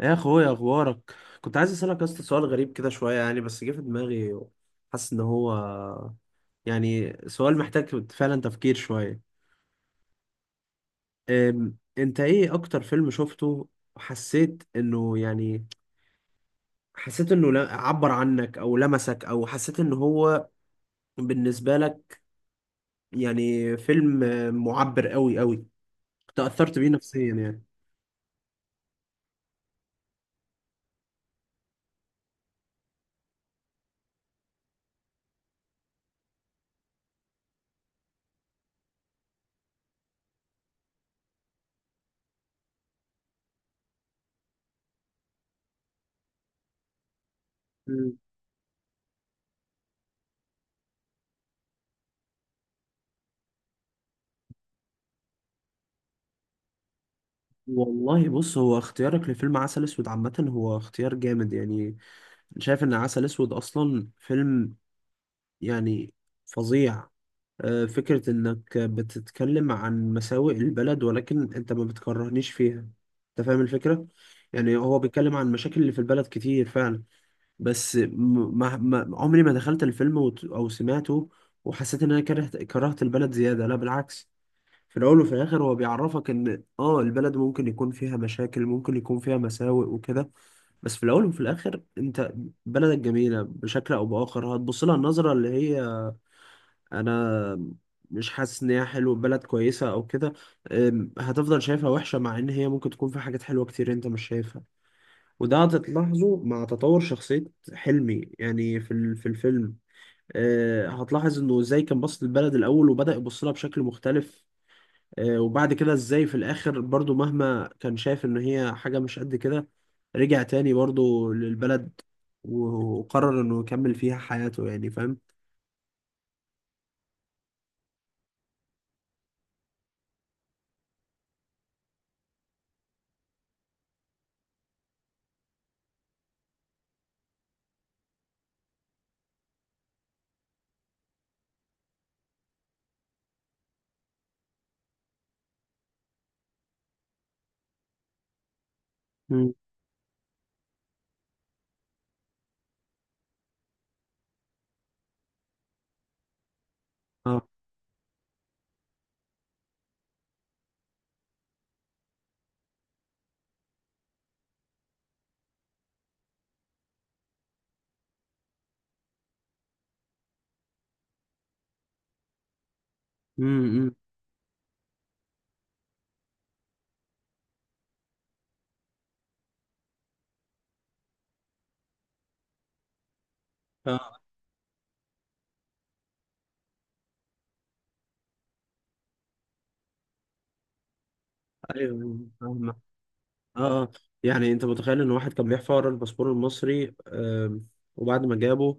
يا اخويا اخبارك. كنت عايز اسالك يا اسطى سؤال غريب كده شويه يعني، بس جه في دماغي. حاسس ان هو يعني سؤال محتاج فعلا تفكير شويه. انت ايه اكتر فيلم شفته وحسيت انه يعني، حسيت انه عبر عنك او لمسك او حسيت ان هو بالنسبه لك يعني فيلم معبر قوي قوي، تاثرت بيه نفسيا يعني. مم. والله بص، هو اختيارك لفيلم عسل اسود عامه هو اختيار جامد يعني. شايف ان عسل اسود اصلا فيلم يعني فظيع. فكرة انك بتتكلم عن مساوئ البلد، ولكن انت ما بتكرهنيش فيها. انت فاهم الفكرة؟ يعني هو بيتكلم عن مشاكل اللي في البلد كتير فعلا. بس ما عمري ما دخلت الفيلم او سمعته وحسيت ان انا كرهت كرهت البلد زيادة، لا بالعكس. في الأول وفي الآخر هو بيعرفك إن البلد ممكن يكون فيها مشاكل، ممكن يكون فيها مساوئ وكده. بس في الأول وفي الآخر أنت بلدك جميلة. بشكل أو بآخر هتبص لها النظرة اللي هي، أنا مش حاسس إن هي حلوة، بلد كويسة أو كده. هتفضل شايفها وحشة مع إن هي ممكن تكون في حاجات حلوة كتير أنت مش شايفها. وده هتلاحظه مع تطور شخصية حلمي يعني في الفيلم. هتلاحظ إنه إزاي كان باصص للبلد الأول وبدأ يبص لها بشكل مختلف. وبعد كده ازاي في الاخر برضو مهما كان شايف ان هي حاجة مش قد كده، رجع تاني برضو للبلد وقرر انه يكمل فيها حياته، يعني فاهم؟ مم. اه، امم، اه، ايوه فاهمة. اه، اه. يعني انت متخيل ان واحد كان بيحفر ورا الباسبور المصري؟ وبعد ما جابه،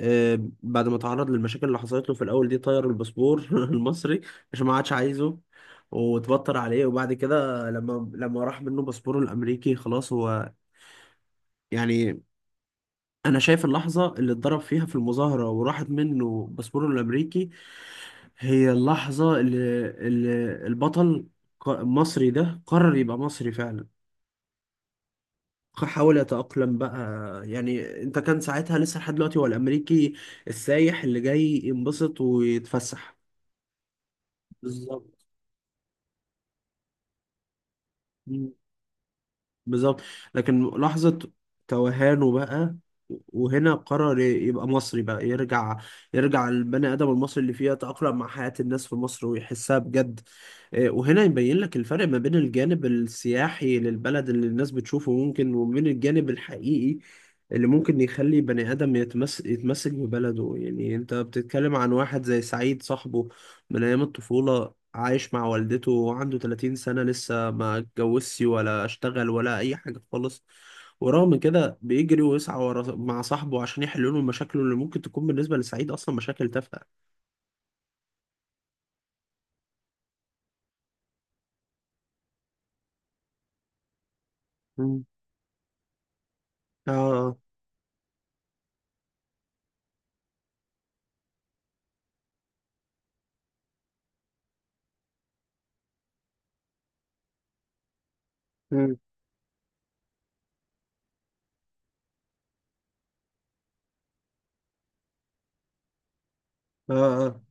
بعد ما تعرض للمشاكل اللي حصلت له في الاول دي، طير الباسبور المصري عشان ما عادش عايزه وتبطر عليه. وبعد كده، لما راح منه باسبوره الامريكي، خلاص هو يعني. انا شايف اللحظه اللي اتضرب فيها في المظاهره وراحت منه باسبوره الامريكي، هي اللحظه اللي البطل المصري ده قرر يبقى مصري فعلا. حاول يتأقلم بقى. يعني انت كان ساعتها لسه لحد دلوقتي هو الامريكي، السايح اللي جاي ينبسط ويتفسح. بالظبط. بالظبط. لكن لحظة توهانه بقى، وهنا قرر يبقى مصري بقى. يرجع يرجع البني آدم المصري اللي فيه يتأقلم مع حياة الناس في مصر ويحسها بجد. إيه، وهنا يبين لك الفرق ما بين الجانب السياحي للبلد اللي الناس بتشوفه ممكن، وبين الجانب الحقيقي اللي ممكن يخلي بني آدم يتمسك ببلده. يعني انت بتتكلم عن واحد زي سعيد، صاحبه من أيام الطفولة عايش مع والدته وعنده 30 سنة لسه ما اتجوزش ولا اشتغل ولا أي حاجة خالص. ورغم كده بيجري ويسعى ورا مع صاحبه عشان يحلوا له مشاكله، اللي ممكن تكون بالنسبة لسعيد أصلا مشاكل تافهة. مم. اه، اه. مم. اه، اه.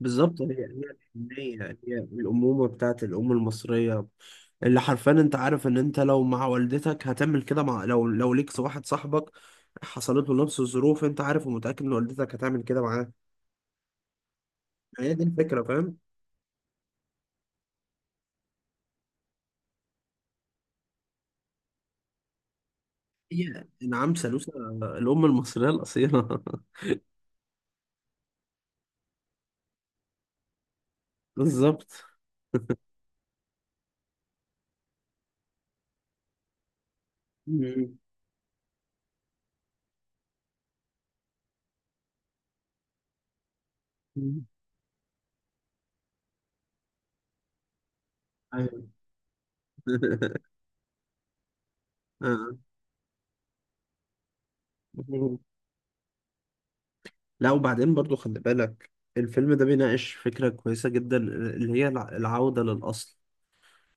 بالظبط، هي الحنية، هي الأمومة بتاعت الأم المصرية. اللي حرفيا أنت عارف إن أنت لو مع والدتك هتعمل كده، مع لو ليك واحد صاحبك حصلت له نفس الظروف، أنت عارف ومتأكد إن والدتك هتعمل كده معاه. هي دي الفكرة، فاهم؟ هي نعم سالوسة، الأم المصرية الأصيلة. بالظبط. مم. مم. أيوة. آه. لا وبعدين برضو خلي بالك، الفيلم ده بيناقش فكرة كويسة جدا، اللي هي العودة للأصل.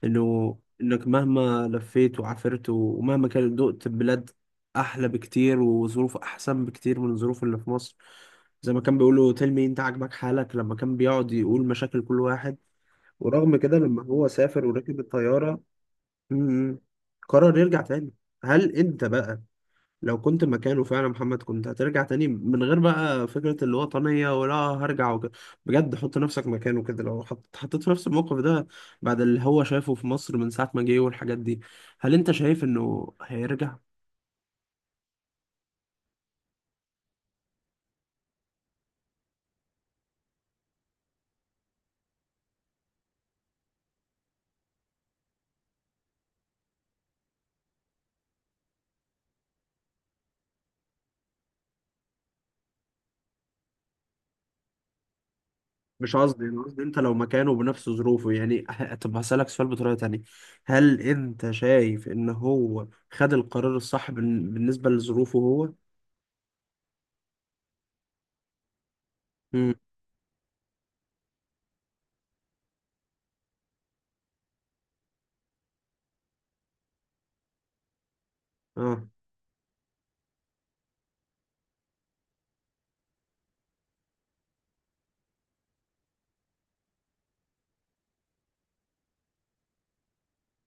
إنك مهما لفيت وعافرت ومهما كان دقت بلاد أحلى بكتير وظروف أحسن بكتير من الظروف اللي في مصر، زي ما كان بيقولوا، تلمي أنت عاجبك حالك لما كان بيقعد يقول مشاكل كل واحد. ورغم كده لما هو سافر وركب الطيارة، مم، قرر يرجع تاني. هل انت بقى، لو كنت مكانه فعلا، محمد، كنت هترجع تاني من غير بقى فكرة الوطنية، ولا هرجع وكده؟ بجد حط نفسك مكانه كده، لو حطيت في نفس الموقف ده بعد اللي هو شايفه في مصر من ساعة ما جه والحاجات دي، هل انت شايف انه هيرجع؟ مش قصدي، انا قصدي انت لو مكانه بنفس ظروفه يعني. طب هسألك سؤال بطريقة تانية، هل انت شايف ان هو خد القرار الصح بالنسبة لظروفه هو؟ مم. اه،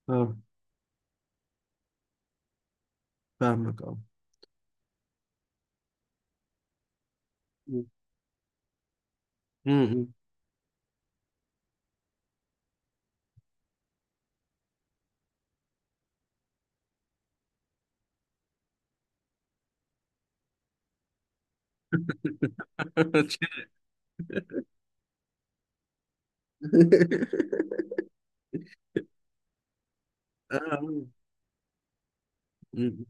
اه. فاهمك، اه. مم. آه. آه. مم.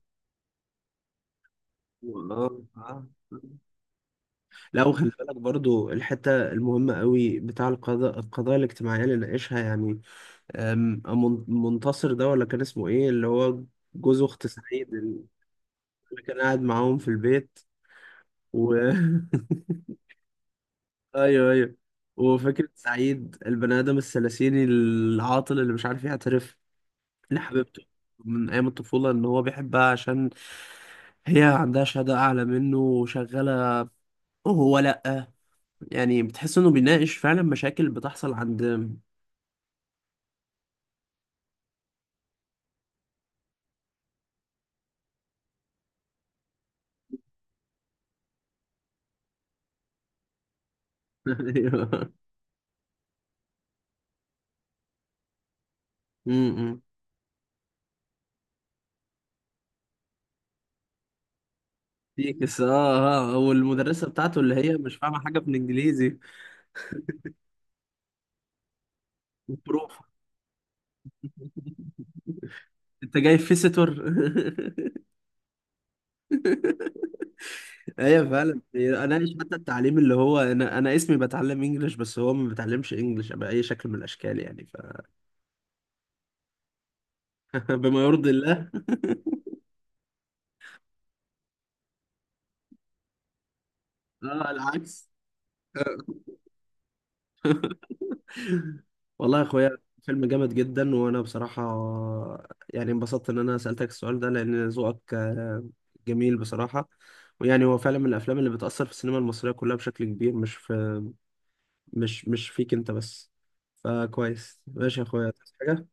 والله آه. لا وخلي بالك برضو، الحتة المهمة قوي بتاع القضاء، القضايا الاجتماعية اللي ناقشها يعني. منتصر ده، ولا كان اسمه ايه، اللي هو جوز اخت سعيد اللي كان قاعد معاهم في البيت و ايوه، ايوه. وفكرة سعيد، البني آدم الثلاثيني العاطل اللي مش عارف يعترف ليه حبيبته من أيام الطفولة إن هو بيحبها، عشان هي عندها شهادة أعلى منه وشغالة وهو لأ. يعني بتحس إنه بيناقش فعلا مشاكل بتحصل عند. أيوه. م-م. فيكس، آه آه، والمدرسة بتاعته اللي هي مش فاهمة حاجة في الإنجليزي. بروف. أنت جاي فيسيتور. أيوه فعلا، أناقش حتى التعليم، اللي هو، أنا اسمي بتعلم إنجلش بس هو ما بيتعلمش إنجلش بأي شكل من الأشكال، يعني بما يرضي الله. اه، العكس. والله يا اخويا، فيلم جامد جدا، وانا بصراحه يعني انبسطت ان انا سالتك السؤال ده، لان ذوقك جميل بصراحه. ويعني هو فعلا من الافلام اللي بتاثر في السينما المصريه كلها بشكل كبير، مش فيك انت بس. فكويس، ماشي يا اخويا، عايز حاجه؟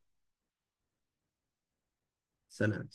سلام.